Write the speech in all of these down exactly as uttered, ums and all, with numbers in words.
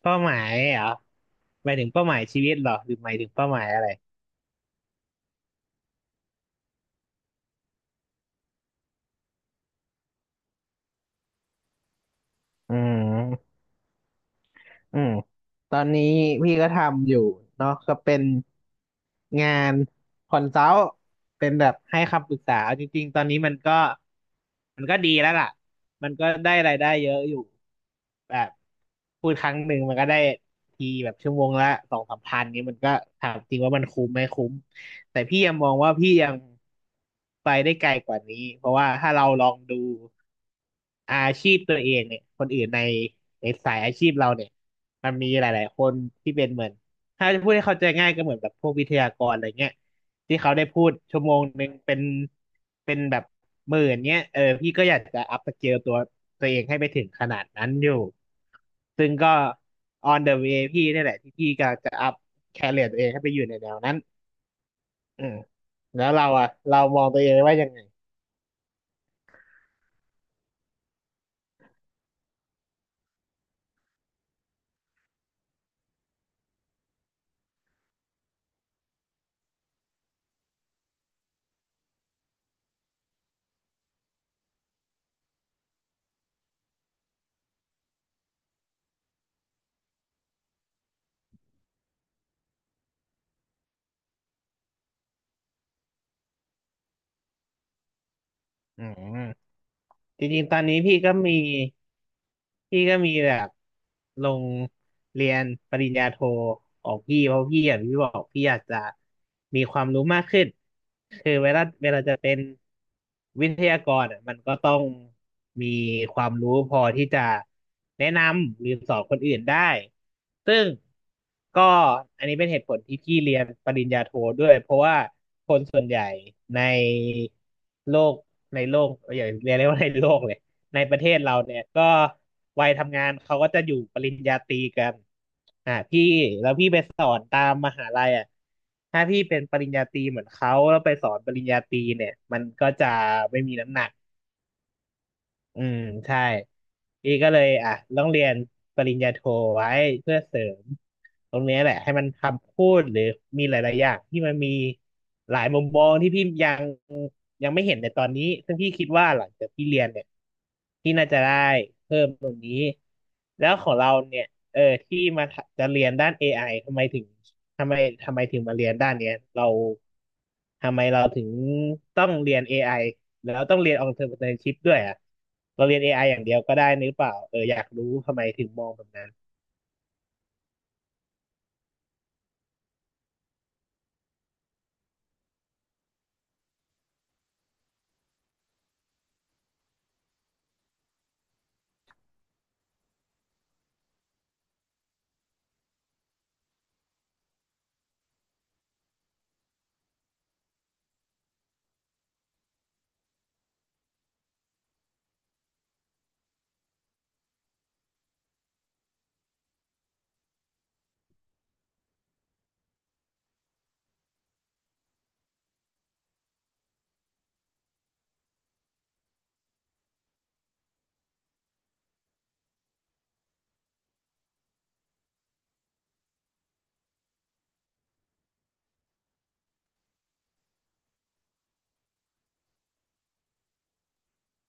เป้าหมายเหรอหมายถึงเป้าหมายชีวิตเหรอหรือหมายถึงเป้าหมายอะไรอืมอืมตอนนี้พี่ก็ทำอยู่เนาะก็เป็นงานคอนซัลท์เป็นแบบให้คำปรึกษาเอาจริงๆตอนนี้มันก็มันก็ดีแล้วล่ะมันก็ได้รายได้เยอะอยู่แบบพูดครั้งหนึ่งมันก็ได้ทีแบบชั่วโมงละสองสามพันนี้มันก็ถามจริงว่ามันคุ้มไหมคุ้ม แต่พี่ยังมองว่าพี่ยังไปได้ไกลกว่านี้เพราะว่าถ้าเราลองดูอาชีพตัวเองเนี่ยคนอื่นในในสายอาชีพเราเนี่ยมันมีหลายๆคนที่เป็นเหมือนถ้าจะพูดให้เข้าใจง่ายก็เหมือนแบบพวกวิทยากรอะไรเงี้ยที่เขาได้พูดชั่วโมงหนึ่งเป็นเป็นแบบหมื่นเนี้ยเออพี่ก็อยากจะอัพสเกลตัวตัวเองให้ไปถึงขนาดนั้นอยู่ซึ่งก็ on the way พี่นี่แหละที่พี่กำลังจะอัพแคเรียร์ตัวเองให้ไปอยู่ในแนวนั้น อืมแล้วเราอ่ะเรามองตัวเองไว้ยังไงอืมจริงๆตอนนี้พี่ก็มี พี่ก็มีแบบลงเรียนปริญญาโทของพี่เพราะพี่อย่างที่บอกพี่อยากจะมีความรู้มากขึ้นคือเวลาเวลาจะเป็นวิทยากรอะมันก็ต้องมีความรู้พอที่จะแนะนำหรือสอนคนอื่นได้ซึ่งก็อันนี้เป็นเหตุผลที่พี่เรียนปริญญาโทด้วยเพราะว่าคนส่วนใหญ่ในโลกในโลกอย่าเรียกว่าในโลกเลย ในประเทศเราเนี่ยก็วัยทำงานเขาก็จะอยู่ปริญญาตรีกันอ่าพี่แล้วพี่ไปสอนตามมหาลัยอ่ะถ้าพี่เป็นปริญญาตรีเหมือนเขาแล้วไปสอนปริญญาตรีเนี่ยมันก็จะไม่มีน้ำหนัก อืมใช่พี่ก็เลยอ่ะต้องเรียนปริญญาโทไว้เพื่อเสริมตรงเนี้ยแหละให้มันคำพูดหรือมีหลายๆอย่างที่มันมีหลายมุมมองที่พี่ยังยังไม่เห็นในตอนนี้ซึ่งพี่คิดว่าหลังจากพี่เรียนเนี่ยพี่น่าจะได้เพิ่มตรงนี้แล้วของเราเนี่ยเออที่มาจะเรียนด้าน a อไอทำไมถึงทำไมทำไมถึงมาเรียนด้านเนี้ยเราทำไมเราถึงต้องเรียนเอไอ แล้วต้องเรียน alternative ด้วยอ่ะเราเรียน เอ ไอ อไออย่างเดียวก็ได้นี่หรือเปล่าเอออยากรู้ทำไมถึงมองแบบนั้น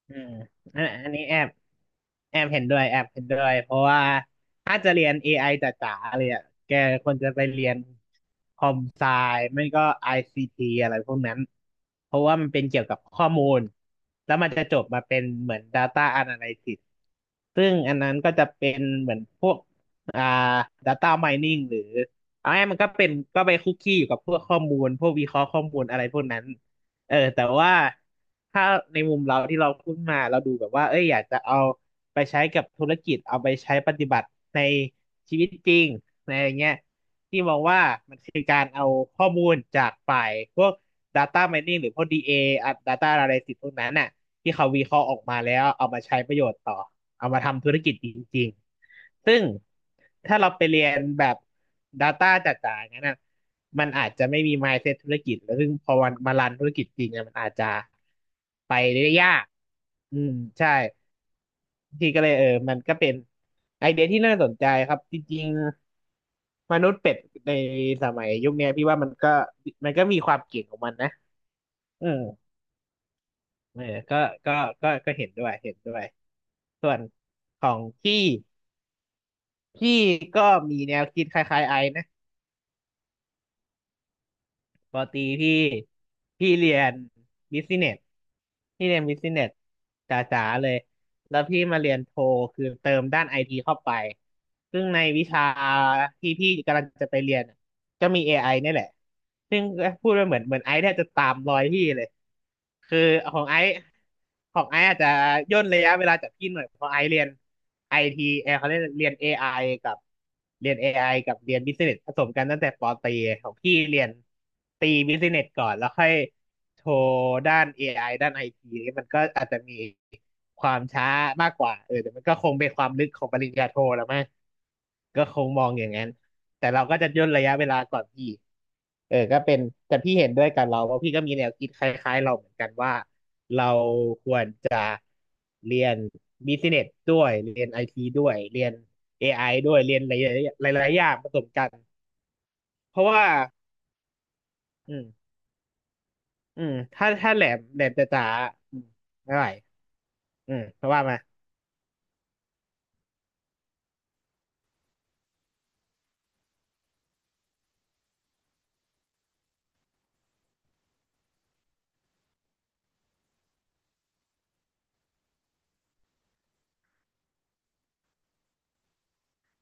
อืมอันอันนี้แอบแอบเห็นด้วยแอบเห็นด้วยเพราะว่าถ้าจะเรียน เอ ไอ จ๋าๆเลยอ่ะแกควรจะไปเรียนคอมไซไม่ก็ ไอ ซี ที อซีทีอะไรพวกนั้นเพราะว่ามันเป็นเกี่ยวกับข้อมูลแล้วมันจะจบมาเป็นเหมือน Data Analysis ซึ่งอันนั้นก็จะเป็นเหมือนพวกอ่า Data Mining หรือเอาง่ายๆมันก็เป็นก็ไปคุกคีอยู่กับพวกข้อมูลพวกวิเคราะห์ข้อมูลอะไรพวกนั้น เออแต่ว่าถ้าในมุมเราที่เราพูดมาเราดูแบบว่าเอ้ยอยากจะเอาไปใช้กับธุรกิจเอาไปใช้ปฏิบัติในชีวิตจริงในอะไรเงี้ยที่มองว่ามันคือการเอาข้อมูลจากฝ่ายพวก Data Mining หรือพวก ดี เอ ออ่ะ Data Analysis พวกนั้นน่ะที่เขาวิเคราะห์ออกมาแล้วเอามาใช้ประโยชน์ต่อเอามาทำธุรกิจจริงๆซึ่งถ้าเราไปเรียนแบบ Data จ๋าๆอย่างนั้นน่ะ มันอาจจะไม่มี mindset ธุรกิจแล้วซึ่งพอวันมารันธุรกิจจริงเนี่ยมันอาจจะไปได้ยากอืมใช่ที่ก็เลยเออมันก็เป็นไอเดียที่น่าสนใจครับจริงๆมนุษย์เป็ดในสมัยยุคเนี้ยพี่ว่ามันก็มันก็มีความเก่งของมันนะเออเออก็ก็ก็ก็เห็นด้วยเห็นด้วยส่วนของพี่พี่ก็มีแนวคิดคล้ายๆไอนะ ปอตรีพี่พี่เรียนบิสเนสพี่เรียนบิสเนสจ๋าๆเลยแล้วพี่มาเรียนโทคือเติมด้านไอทีเข้าไปซึ่งในวิชาที่พี่กำลังจะไปเรียนก็มี เอ ไอ นี่แหละซึ่งพูดไปเหมือนเหมือนไอซ์เนี่ยจะตามรอยพี่เลย คือของไอซ์ของไอซ์อาจจะย่นระยะเวลาจากพี่หน่อยเพราะไอซ์เรียนไอทีเออเขาเรียนเรียนเอไอกับเรียนเอไอกับเรียนบิสเนสผสมกันตั้งแต่ปอตรีของพี่เรียนตีบิสเนสก่อนแล้วค่อยโทรด้านเอไอด้านไอทีมันก็อาจจะมีความช้ามากกว่าเออแต่มันก็คงเป็นความลึกของปริญญาโทแล้วมั้งก็คงมองอย่างนั้นแต่เราก็จะย่นระยะเวลาก่อนพี่ เออก็เป็นแต่พี่เห็นด้วยกับเราว่าะพี่ก็มีแนวคิดคล้ายๆเราเหมือนกันว่าเราควรจะเรียนบิสเนสด้วยเรียนไอทีด้วยเรียน เอ ไอ ด้วยเรียนหลายๆหลายๆอย่างผสมกันเพราะว่าอืมอืมถ้าถ้าแหลมแหลมจ๋าๆอืมไม่ไหวอืมเพราะว่ามา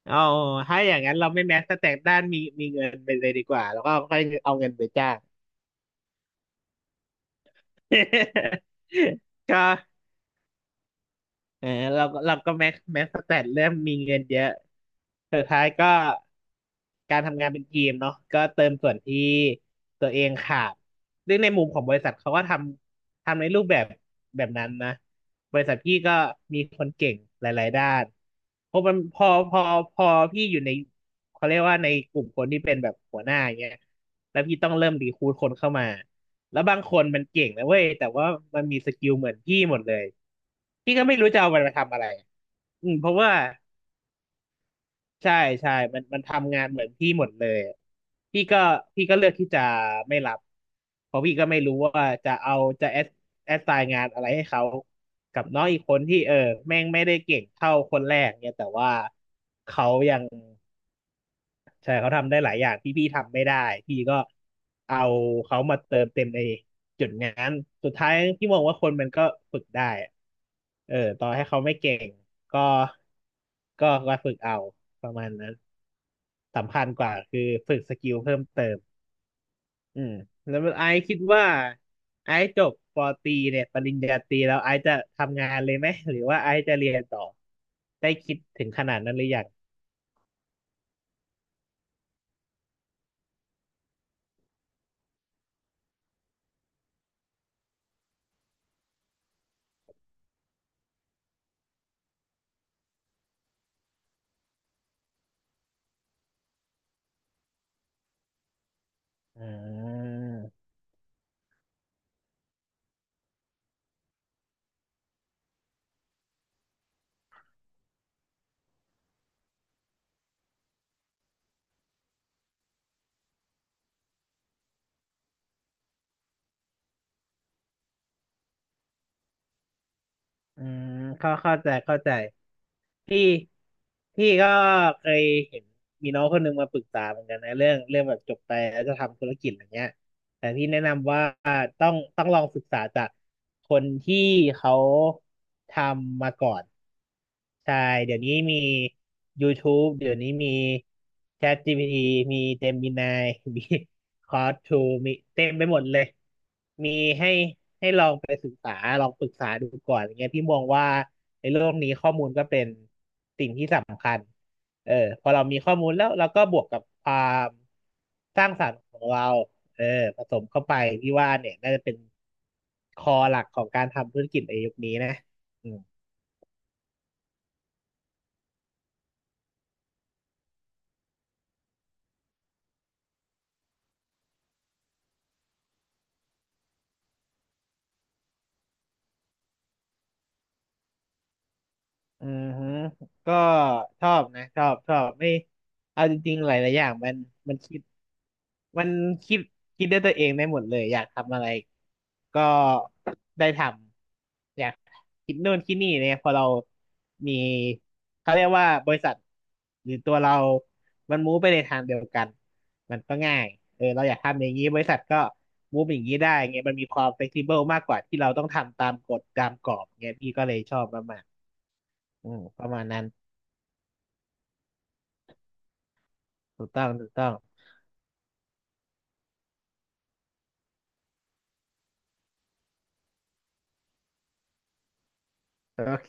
เอาถ้าอย่างนั้นเราไม่แม้สแต็กด้านมีมีเงินไปเลยดีกว่าแล้วก็ค่อยเอาเงินไปจ้าง ก็ เออเราก็เราก็แม็กแม็กสแตทเริ่มมีเงินเยอะสุดท้ายก็การทำงานเป็นทีมเนาะก็เติมส่วนที่ตัวเองขาดซึ่งในมุมของบริษัทเขาก็ทำทำในรูปแบบแบบนั้นนะบริษัทพี่ก็มีคนเก่งหลายๆด้านพอมันพอพอพอพี่อยู่ในเขาเรียกว่าในกลุ่มคนที่เป็นแบบหัวหน้าอย่างเงี้ยแล้วพี่ต้องเริ่มรีครูทคนเข้ามา แล้วบางคนมันเก่งนะเว้ยแต่ว่ามันมีสกิลเหมือนพี่หมดเลยพี่ก็ไม่รู้จะเอามันมาทำอะไรอืมเพราะว่าใช่ใช่มันมันทำงานเหมือนพี่หมดเลยพี่ก็พี่ก็เลือกที่จะไม่รับเพราะพี่ก็ไม่รู้ว่าจะเอาจะแอดแอดไซน์งานอะไรให้เขากับน้องอีกคนที่เออแม่งไม่ได้เก่งเท่าคนแรกเนี่ยแต่ว่าเขายัง ใช่เขาทำได้หลายอย่างที่พี่ทำไม่ได้พี่ก็เอาเขามาเติมเต็มในจุดนั้นสุดท้ายพี่มองว่าคนมันก็ฝึกได้อะเออต่อให้เขาไม่เก่งก็ก็ก็ฝึกเอาประมาณนั้นสำคัญกว่าคือฝึกสกิลเพิ่มเติมอืมแล้วไอซ์คิดว่าไอซ์จบปอตรีเนี่ยปริญญาตรีแล้วไอซ์จะทำงานเลยไหมหรือว่าไอซ์จะเรียนต่อได้คิดถึงขนาดนั้นหรือยังอ่า อืมเข้าเข้าใจเข้าใจพี่พี่ก็เคยเห็นมีน้องคนหนึ่งมาปรึกษาเหมือนกันนะเรื่องเรื่องแบบจบไปแล้วจะทำธุรกิจอะไรเงี้ยแต่พี่แนะนำว่าต้องต้องลองศึกษาจากคนที่เขาทำมาก่อนใช่เดี๋ยวนี้มี YouTube เดี๋ยวนี้มี ChatGPT มี Gemini มี Claude ทูมีเต็มไปหมดเลยมีให้ ษาลองปรึกษาดูก่อนอย่างเงี้ยพี่มองว่าในโลกนี้ข้อมูลก็เป็นสิ่งที่สำคัญเออพอเรามีข้อมูลแล้วเราก็บวกกับความสร้างสรรค์ของเราเออผสมเข้าไปพี่ว่าเนี่ยน่าจะเป็นคอหลักของการทำธุรกิจในยุคนี้นะอืมอือฮึก็ก็ชอบนะชอบชอบไม่เอาจริงๆหลายๆอย่างมันมันคิด มันคิดคิดด้วยตัวเองได้หมดเลยอยากทำอะไรก็ได้ทำอยากคิดนู่นคิดนี่เนี่ยพอเรามีเขาเรียกว่าบริษัทหรือตัวเรามันมูฟไปในทางเดียวกันมันก็ง่ายเออเราอยากทำอย่างนี้บริษัทก็มูฟอย่างนี้ได้ไงมันมีความ flexible มากกว่าที่เราต้องทำตามกฎตามกรอบเงี้ยพี่ก็เลยชอบมากๆอืมประมาณนั้นถูกต้องถูกต้องโอเค